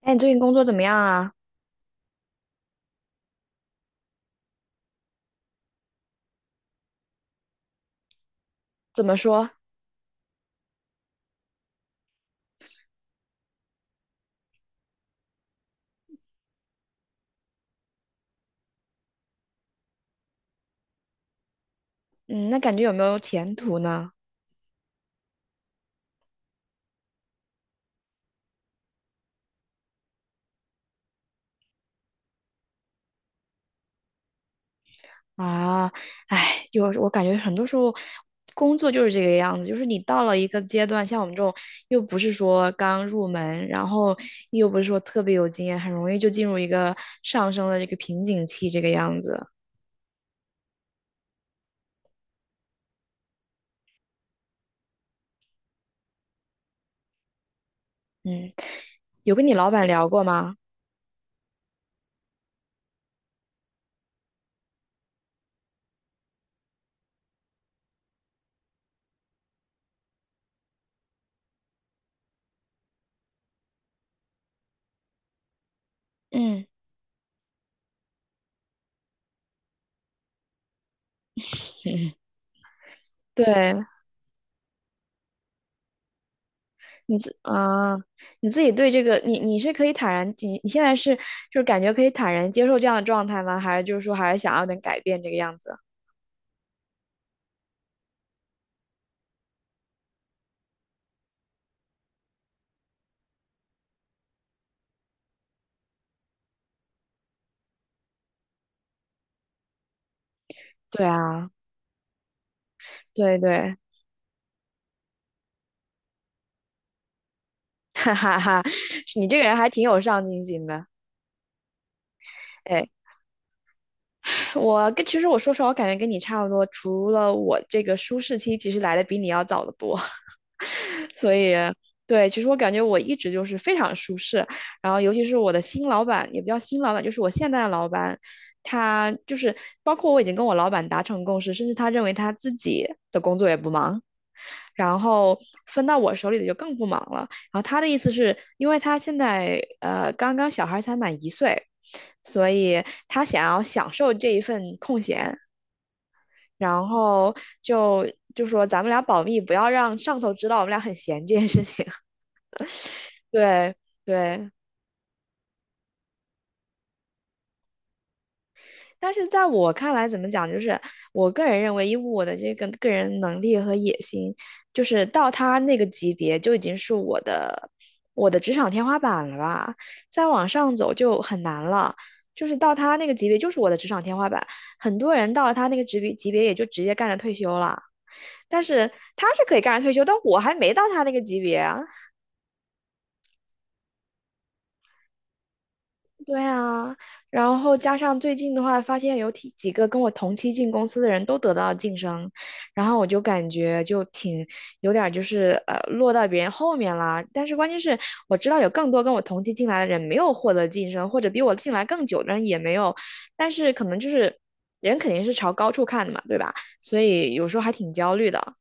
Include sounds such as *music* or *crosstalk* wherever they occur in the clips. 哎，你最近工作怎么样啊？怎么说？嗯，那感觉有没有前途呢？啊，哎，就是我感觉很多时候工作就是这个样子，就是你到了一个阶段，像我们这种又不是说刚入门，然后又不是说特别有经验，很容易就进入一个上升的这个瓶颈期，这个样子。嗯，有跟你老板聊过吗？嗯，对。你自啊，你自己对这个，你是可以坦然，你现在是就是感觉可以坦然接受这样的状态吗？还是就是说还是想要能改变这个样子？对啊，对对，*laughs* 哈哈哈，你这个人还挺有上进心的。哎，其实我说实话，我感觉跟你差不多，除了我这个舒适期其实来的比你要早得多。所以，对，其实我感觉我一直就是非常舒适。然后，尤其是我的新老板，也不叫新老板，就是我现在的老板，他就是包括我已经跟我老板达成共识，甚至他认为他自己的工作也不忙，然后分到我手里的就更不忙了。然后他的意思是，因为他现在刚刚小孩才满1岁，所以他想要享受这一份空闲，然后就就说咱们俩保密，不要让上头知道我们俩很闲这件事情。对对，但是在我看来，怎么讲，就是我个人认为，以我的这个个人能力和野心，就是到他那个级别就已经是我的职场天花板了吧，再往上走就很难了。就是到他那个级别，就是我的职场天花板。很多人到了他那个职别级别，也就直接干着退休了。但是他是可以干着退休，但我还没到他那个级别啊。对啊，然后加上最近的话，发现有几个跟我同期进公司的人都得到了晋升，然后我就感觉就挺有点儿就是落到别人后面啦。但是关键是我知道有更多跟我同期进来的人没有获得晋升，或者比我进来更久的人也没有，但是可能就是人肯定是朝高处看的嘛，对吧？所以有时候还挺焦虑的。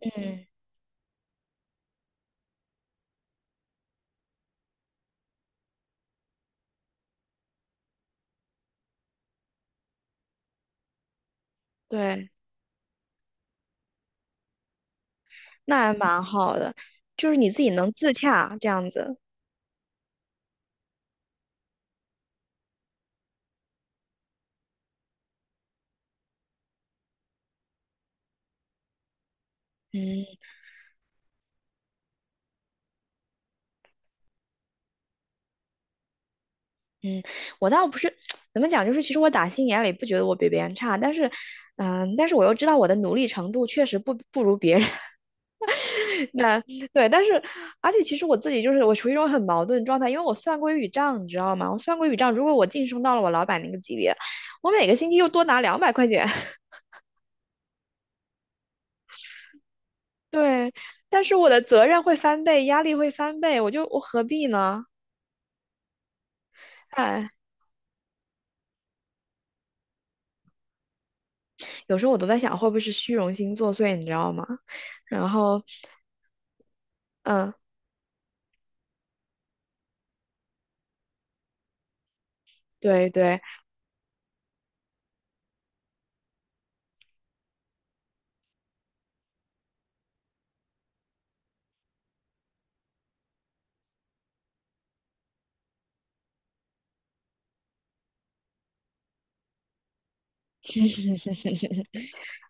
嗯，对，那还蛮好的，就是你自己能自洽这样子。嗯。嗯，我倒不是 *tsk* 怎么讲，就是其实我打心眼里不觉得我比别人差，但是，我又知道我的努力程度确实不如别人。*laughs* 那对，而且其实我自己就是我处于一种很矛盾状态，因为我算过一笔账，你知道吗？我算过一笔账，如果我晋升到了我老板那个级别，我每个星期又多拿200块钱，*laughs* 对，但是我的责任会翻倍，压力会翻倍，我何必呢？哎，有时候我都在想，会不会是虚荣心作祟，你知道吗？然后，嗯，对对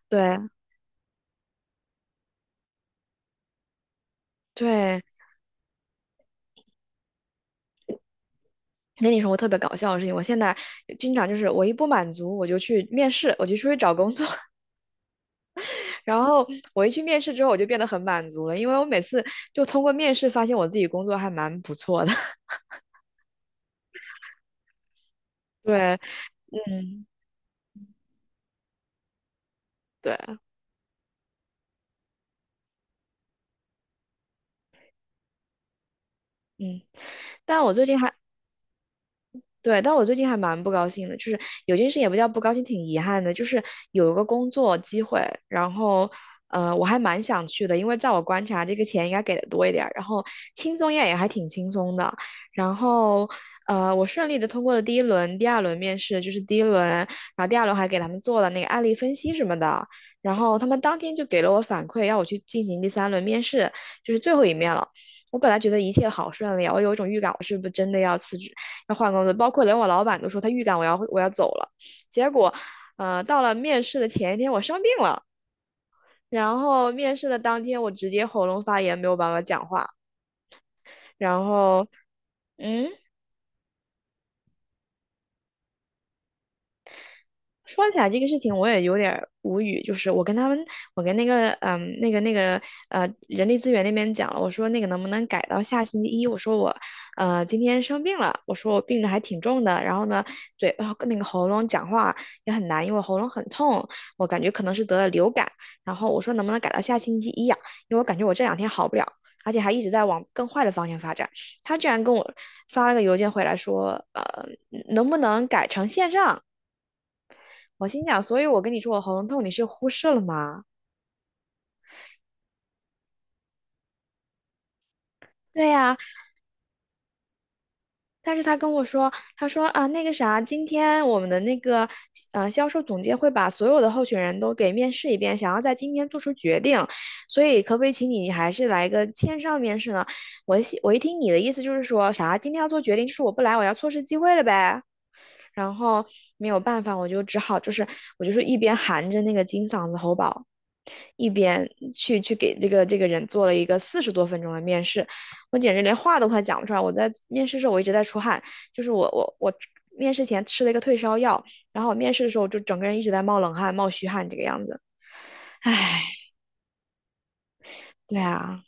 对，对，跟你说我特别搞笑的事情，我现在经常就是我一不满足，我就去面试，我就出去找工作，*laughs* 然后我一去面试之后，我就变得很满足了，因为我每次就通过面试发现我自己工作还蛮不错的。*laughs* 对，嗯，对，嗯，但我最近还对，但我最近还蛮不高兴的，就是有件事也不叫不高兴，挺遗憾的，就是有一个工作机会，然后我还蛮想去的，因为在我观察，这个钱应该给的多一点儿，然后轻松也还挺轻松的，然后我顺利的通过了第一轮、第二轮面试，就是第一轮，然后第二轮还给他们做了那个案例分析什么的，然后他们当天就给了我反馈，要我去进行第三轮面试，就是最后一面了。我本来觉得一切好顺利啊，我有一种预感，我是不是真的要辞职？要换工作，包括连我老板都说他预感我要走了。结果，到了面试的前一天，我生病了，然后面试的当天我直接喉咙发炎，没有办法讲话，然后，嗯。说起来这个事情，我也有点儿无语。我跟那个人力资源那边讲了，我说那个能不能改到下星期一？我说我今天生病了，我说我病的还挺重的，然后呢，嘴呃那个喉咙讲话也很难，因为我喉咙很痛，我感觉可能是得了流感。然后我说能不能改到下星期一呀、因为我感觉我这两天好不了。而且还一直在往更坏的方向发展，他居然跟我发了个邮件回来说，能不能改成线上？我心想，所以我跟你说我喉咙痛，你是忽视了吗？对呀，但是他跟我说，他说啊，那个啥，今天我们的那个销售总监会把所有的候选人都给面试一遍，想要在今天做出决定，所以可不可以你还是来个线上面试呢？我一听你的意思就是说啥，今天要做决定，就是我不来，我要错失机会了呗。然后没有办法，我就只好就是我就是一边含着那个金嗓子喉宝，一边去给这个人做了一个40多分钟的面试，我简直连话都快讲不出来。我在面试的时候我一直在出汗，就是我面试前吃了一个退烧药，然后我面试的时候就整个人一直在冒冷汗、冒虚汗这个样子。唉，对啊，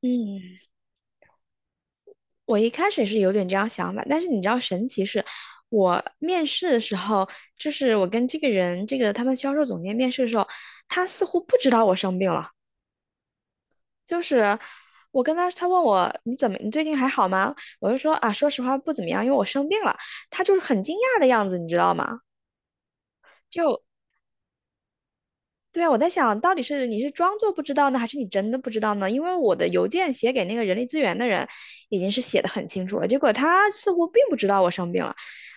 嗯，我一开始也是有点这样想法，但是你知道神奇是。我面试的时候，就是我跟这个人，这个他们销售总监面试的时候，他似乎不知道我生病了。就是我跟他，他问我你怎么，你最近还好吗？我就说啊，说实话不怎么样，因为我生病了。他就是很惊讶的样子，你知道吗？就对啊，我在想到底是你是装作不知道呢，还是你真的不知道呢？因为我的邮件写给那个人力资源的人已经是写的很清楚了，结果他似乎并不知道我生病了。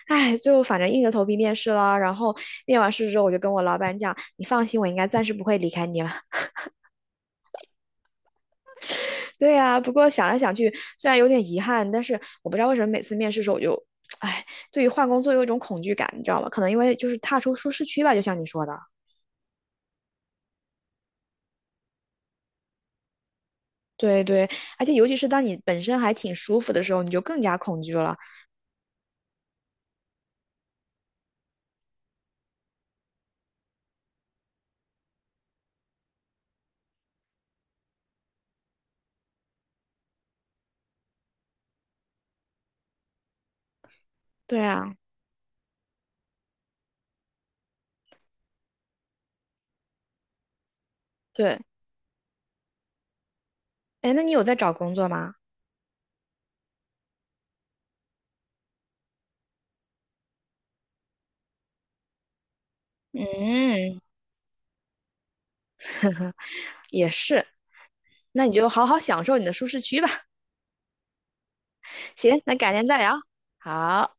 唉，最后反正硬着头皮面试了，然后面完试之后，我就跟我老板讲，你放心，我应该暂时不会离开你了。对呀，不过想来想去，虽然有点遗憾，但是我不知道为什么每次面试的时候*tsk* 哎，对于换工作有一种恐惧感，你知道吗？可能因为就是踏出舒适区吧，就像你说的，对对，而且尤其是当你本身还挺舒服的时候，你就更加恐惧了。对啊，对，哎，那你有在找工作吗？嗯，也是，那你就好好享受你的舒适区吧。*laughs* 行，那改天再聊。好。